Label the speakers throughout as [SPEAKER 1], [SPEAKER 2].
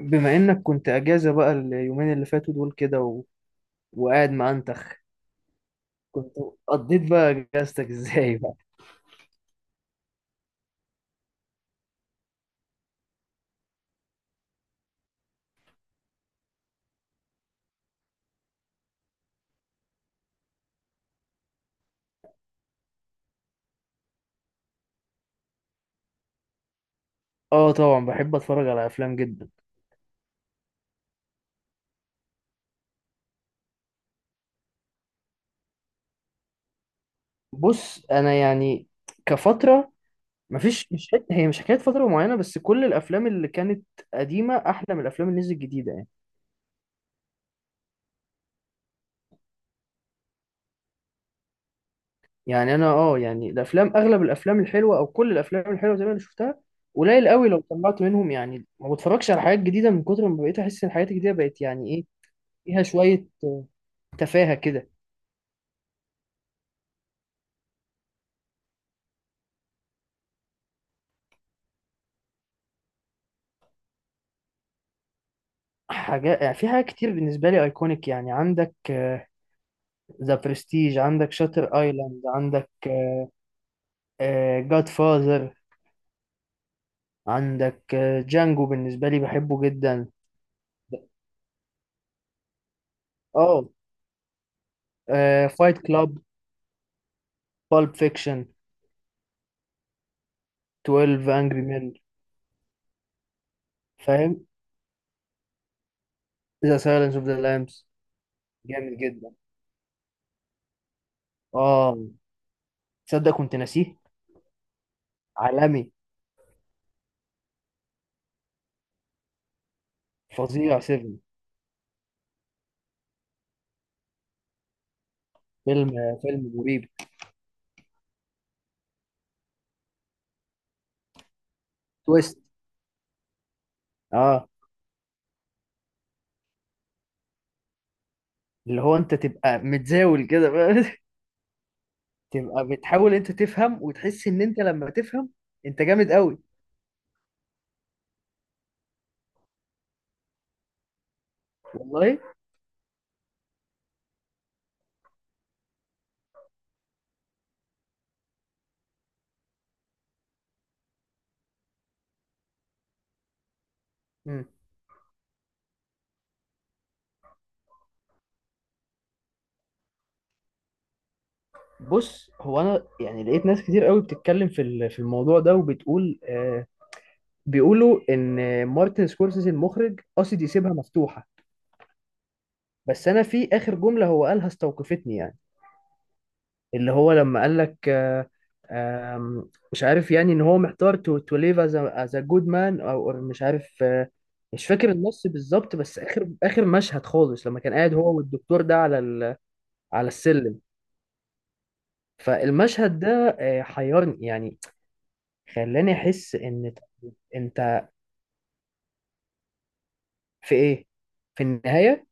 [SPEAKER 1] بما انك كنت اجازة بقى اليومين اللي فاتوا دول كده و... وقاعد معنتخ كنت قضيت بقى اجازتك ازاي بقى؟ اه طبعا، بحب اتفرج على افلام جدا. بص، انا يعني كفترة مفيش مش حت... هي مش حكاية فترة معينة، بس كل الافلام اللي كانت قديمة احلى من الافلام اللي نزلت جديدة يعني. يعني انا، اه، يعني الافلام، اغلب الافلام الحلوة او كل الافلام الحلوة زي ما انا شفتها، قليل قوي لو طلعت منهم، يعني ما بتفرجش على حاجات جديدة من كتر ما بقيت احس ان الحاجات الجديدة بقت يعني ايه، فيها شوية تفاهة كده. حاجات يعني، في حاجات كتير بالنسبة لي ايكونيك. يعني عندك ذا برستيج، عندك شاتر ايلاند، عندك جاد فاذر، عندك جانجو، بالنسبة لي بحبه جدا. اه، فايت كلاب، بالب فيكشن، 12 انجري مان، فاهم، ذا سايلنس اوف ذا لامبس، جامد جدا. اه، تصدق كنت ناسيه، عالمي، فظيع 7. فيلم آه، فيلم مريب، تويست. اه، اللي هو انت تبقى متزاول كده بقى. تبقى بتحاول انت تفهم، وتحس ان انت لما تفهم انت جامد قوي. والله. مم. بص، هو انا يعني لقيت ناس كتير قوي بتتكلم في الموضوع ده، وبتقول آه، بيقولوا ان مارتن سكورسيزي المخرج قصد يسيبها مفتوحة، بس انا في اخر جملة هو قالها استوقفتني يعني. اللي هو لما قال لك آه، آم، مش عارف، يعني ان هو محتار، تو ليف از ا جود مان او، مش عارف آه، مش فاكر النص بالظبط. بس اخر اخر مشهد خالص لما كان قاعد هو والدكتور ده على ال... على السلم، فالمشهد ده آه، حيرني يعني، خلاني احس ان انت... في ايه؟ في النهاية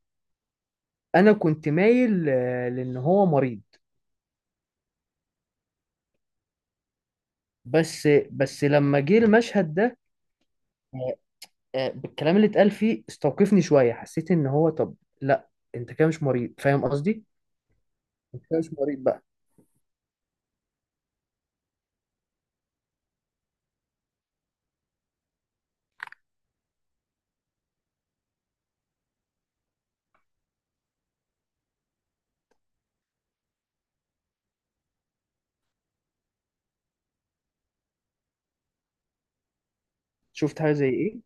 [SPEAKER 1] انا كنت مايل آه، لان هو مريض، بس لما جه المشهد ده آه، آه، بالكلام اللي اتقال فيه استوقفني شوية، حسيت ان هو طب لا، انت كده مش مريض، فاهم قصدي؟ انت كده مش مريض بقى. شفت حاجة زي ايه؟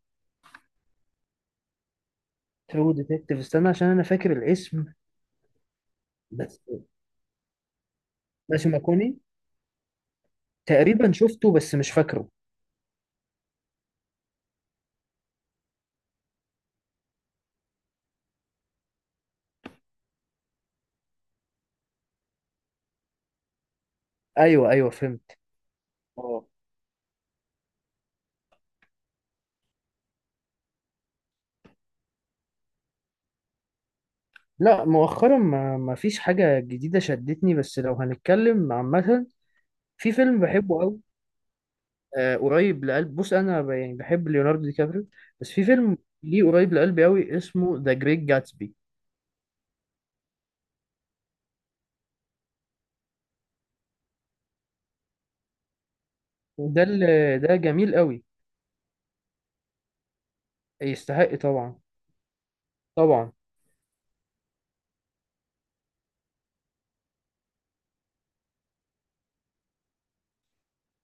[SPEAKER 1] ترو ديتكتيف، استنى عشان انا فاكر الاسم، بس ماشي ماكوني، تقريبا شفته بس مش فاكره. ايوه ايوه فهمت. اه لا، مؤخرا ما فيش حاجة جديدة شدتني، بس لو هنتكلم عامة، في فيلم بحبه أوي آه، قريب لقلب. بص، أنا يعني بحب ليوناردو دي كابريو، بس في فيلم ليه قريب لقلبي أوي، اسمه ذا جريت جاتسبي. وده ده جميل أوي. يستحق طبعا. طبعا.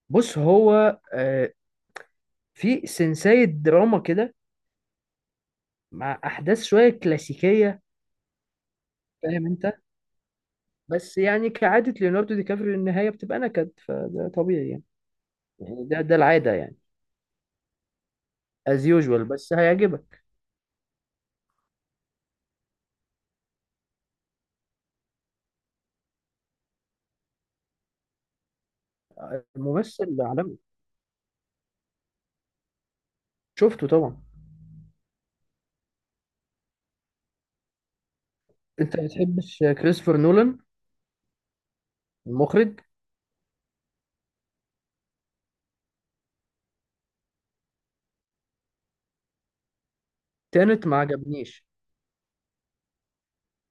[SPEAKER 1] بص، هو آه، في سنساية دراما كده مع أحداث شوية كلاسيكية، فاهم أنت. بس يعني كعادة ليوناردو دي كابريو، النهاية بتبقى نكد، فده طبيعي يعني، يعني ده العادة يعني، از يوجوال، بس هيعجبك. ممثل عالمي. شفته طبعا. انت ما بتحبش كريستوفر نولان المخرج؟ تانت ما عجبنيش،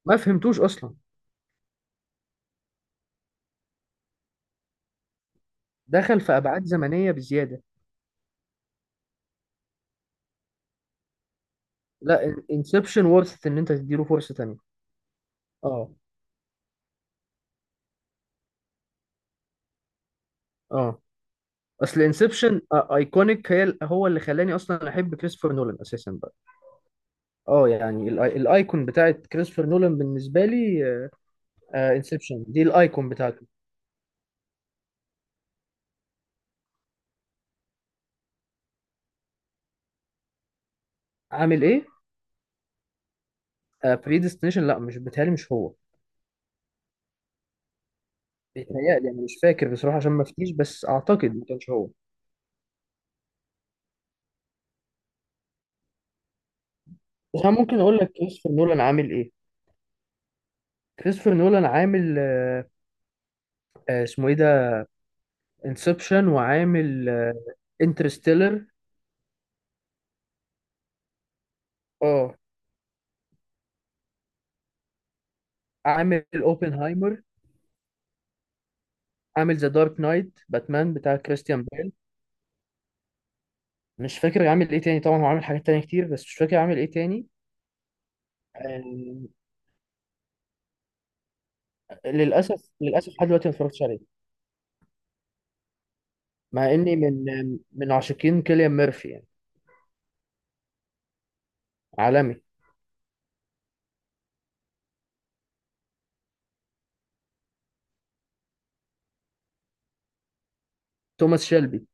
[SPEAKER 1] ما فهمتوش اصلا، دخل في ابعاد زمنيه بزياده. لا، انسبشن ورثت ان انت تديله فرصه تانية. اه اه. اصل انسبشن ايكونيك، هو اللي خلاني اصلا احب كريستوفر نولان اساسا بقى. اه، يعني الايكون بتاعت كريستوفر نولان بالنسبه لي انسبشن، دي الايكون بتاعته. عامل ايه؟ بريديستنيشن؟ لا مش بتهيألي مش هو. بيتهيألي أنا مش فاكر بصراحة عشان ما أفتيش، بس أعتقد ما كانش هو. بس أنا ممكن أقول لك كريستوفر نولان عامل إيه. كريستوفر نولان عامل آه، آه، اسمه إيه ده، انسبشن، وعامل انترستيلر. اه، عامل اوبنهايمر، عامل ذا دارك نايت، باتمان بتاع كريستيان بيل. مش فاكر عامل ايه تاني، طبعا هو عامل حاجات تانية كتير، بس مش فاكر عامل ايه تاني. آه، للاسف للاسف لحد دلوقتي ما اتفرجتش عليه، مع اني من من عاشقين كيليان ميرفي يعني، عالمي. توماس شيلبي،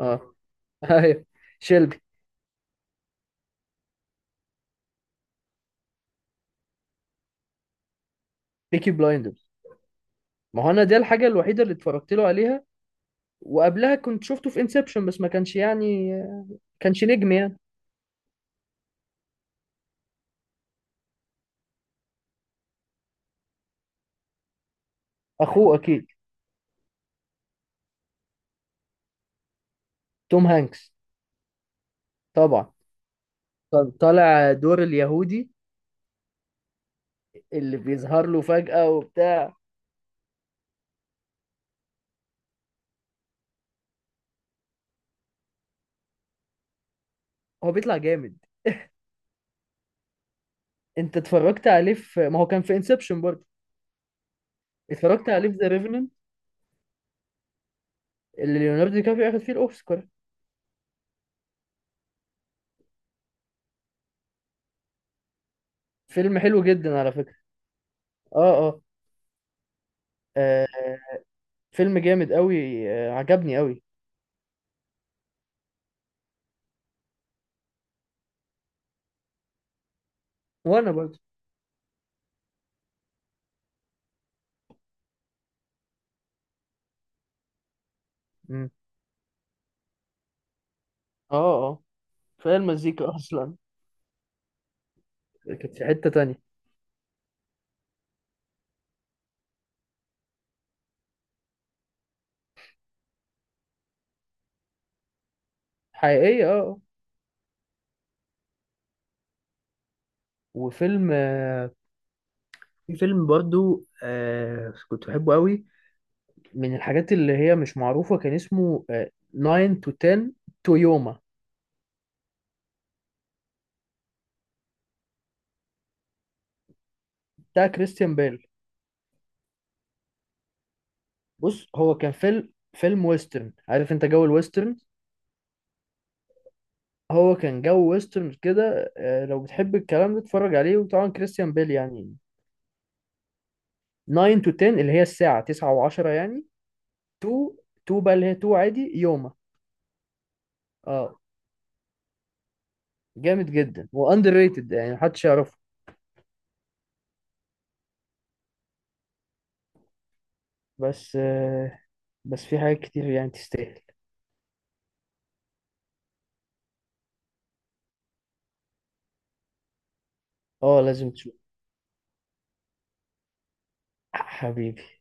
[SPEAKER 1] اه، ايوه، شيلبي. بيكي بلايندرز. ما هو انا دي الحاجه الوحيده اللي اتفرجت له عليها، وقبلها كنت شفته في انسبشن، بس ما كانش يعني، كانش نجم يعني. اخوه؟ اكيد توم هانكس. طبعا. كان طالع دور اليهودي، اللي بيظهر له فجأة وبتاع، هو بيطلع جامد. انت اتفرجت عليه في... ما هو كان في انسبشن برضه، اتفرجت عليه في ذا ريفننت، اللي ليوناردو دي كابريو اخد فيه الاوسكار. فيلم حلو جدا على فكرة. اه اه، آه، فيلم جامد قوي، آه عجبني قوي. وانا برضه. اه اه. فهي المزيكا اصلا كانت في حتة تانية. حقيقية اه آه. وفيلم آه، في فيلم برضو آه كنت بحبه قوي، من الحاجات اللي هي مش معروفة، كان اسمه آه 9 to 10 تويوما، بتاع كريستيان بيل. بص، هو كان فيلم فيلم ويسترن، عارف انت جو الويسترن، هو كان جو ويسترن كده آه، لو بتحب الكلام ده اتفرج عليه، وطبعا كريستيان بيل يعني. 9 to 10، اللي هي الساعة 9 و10 يعني، 2 2 بقى، اللي هي 2 عادي يوما. اه، جامد جدا، واندر ريتد، يعني محدش يعرفه، بس آه، بس في حاجات كتير يعني تستاهل. اه، لازم تشوف. حبيبي.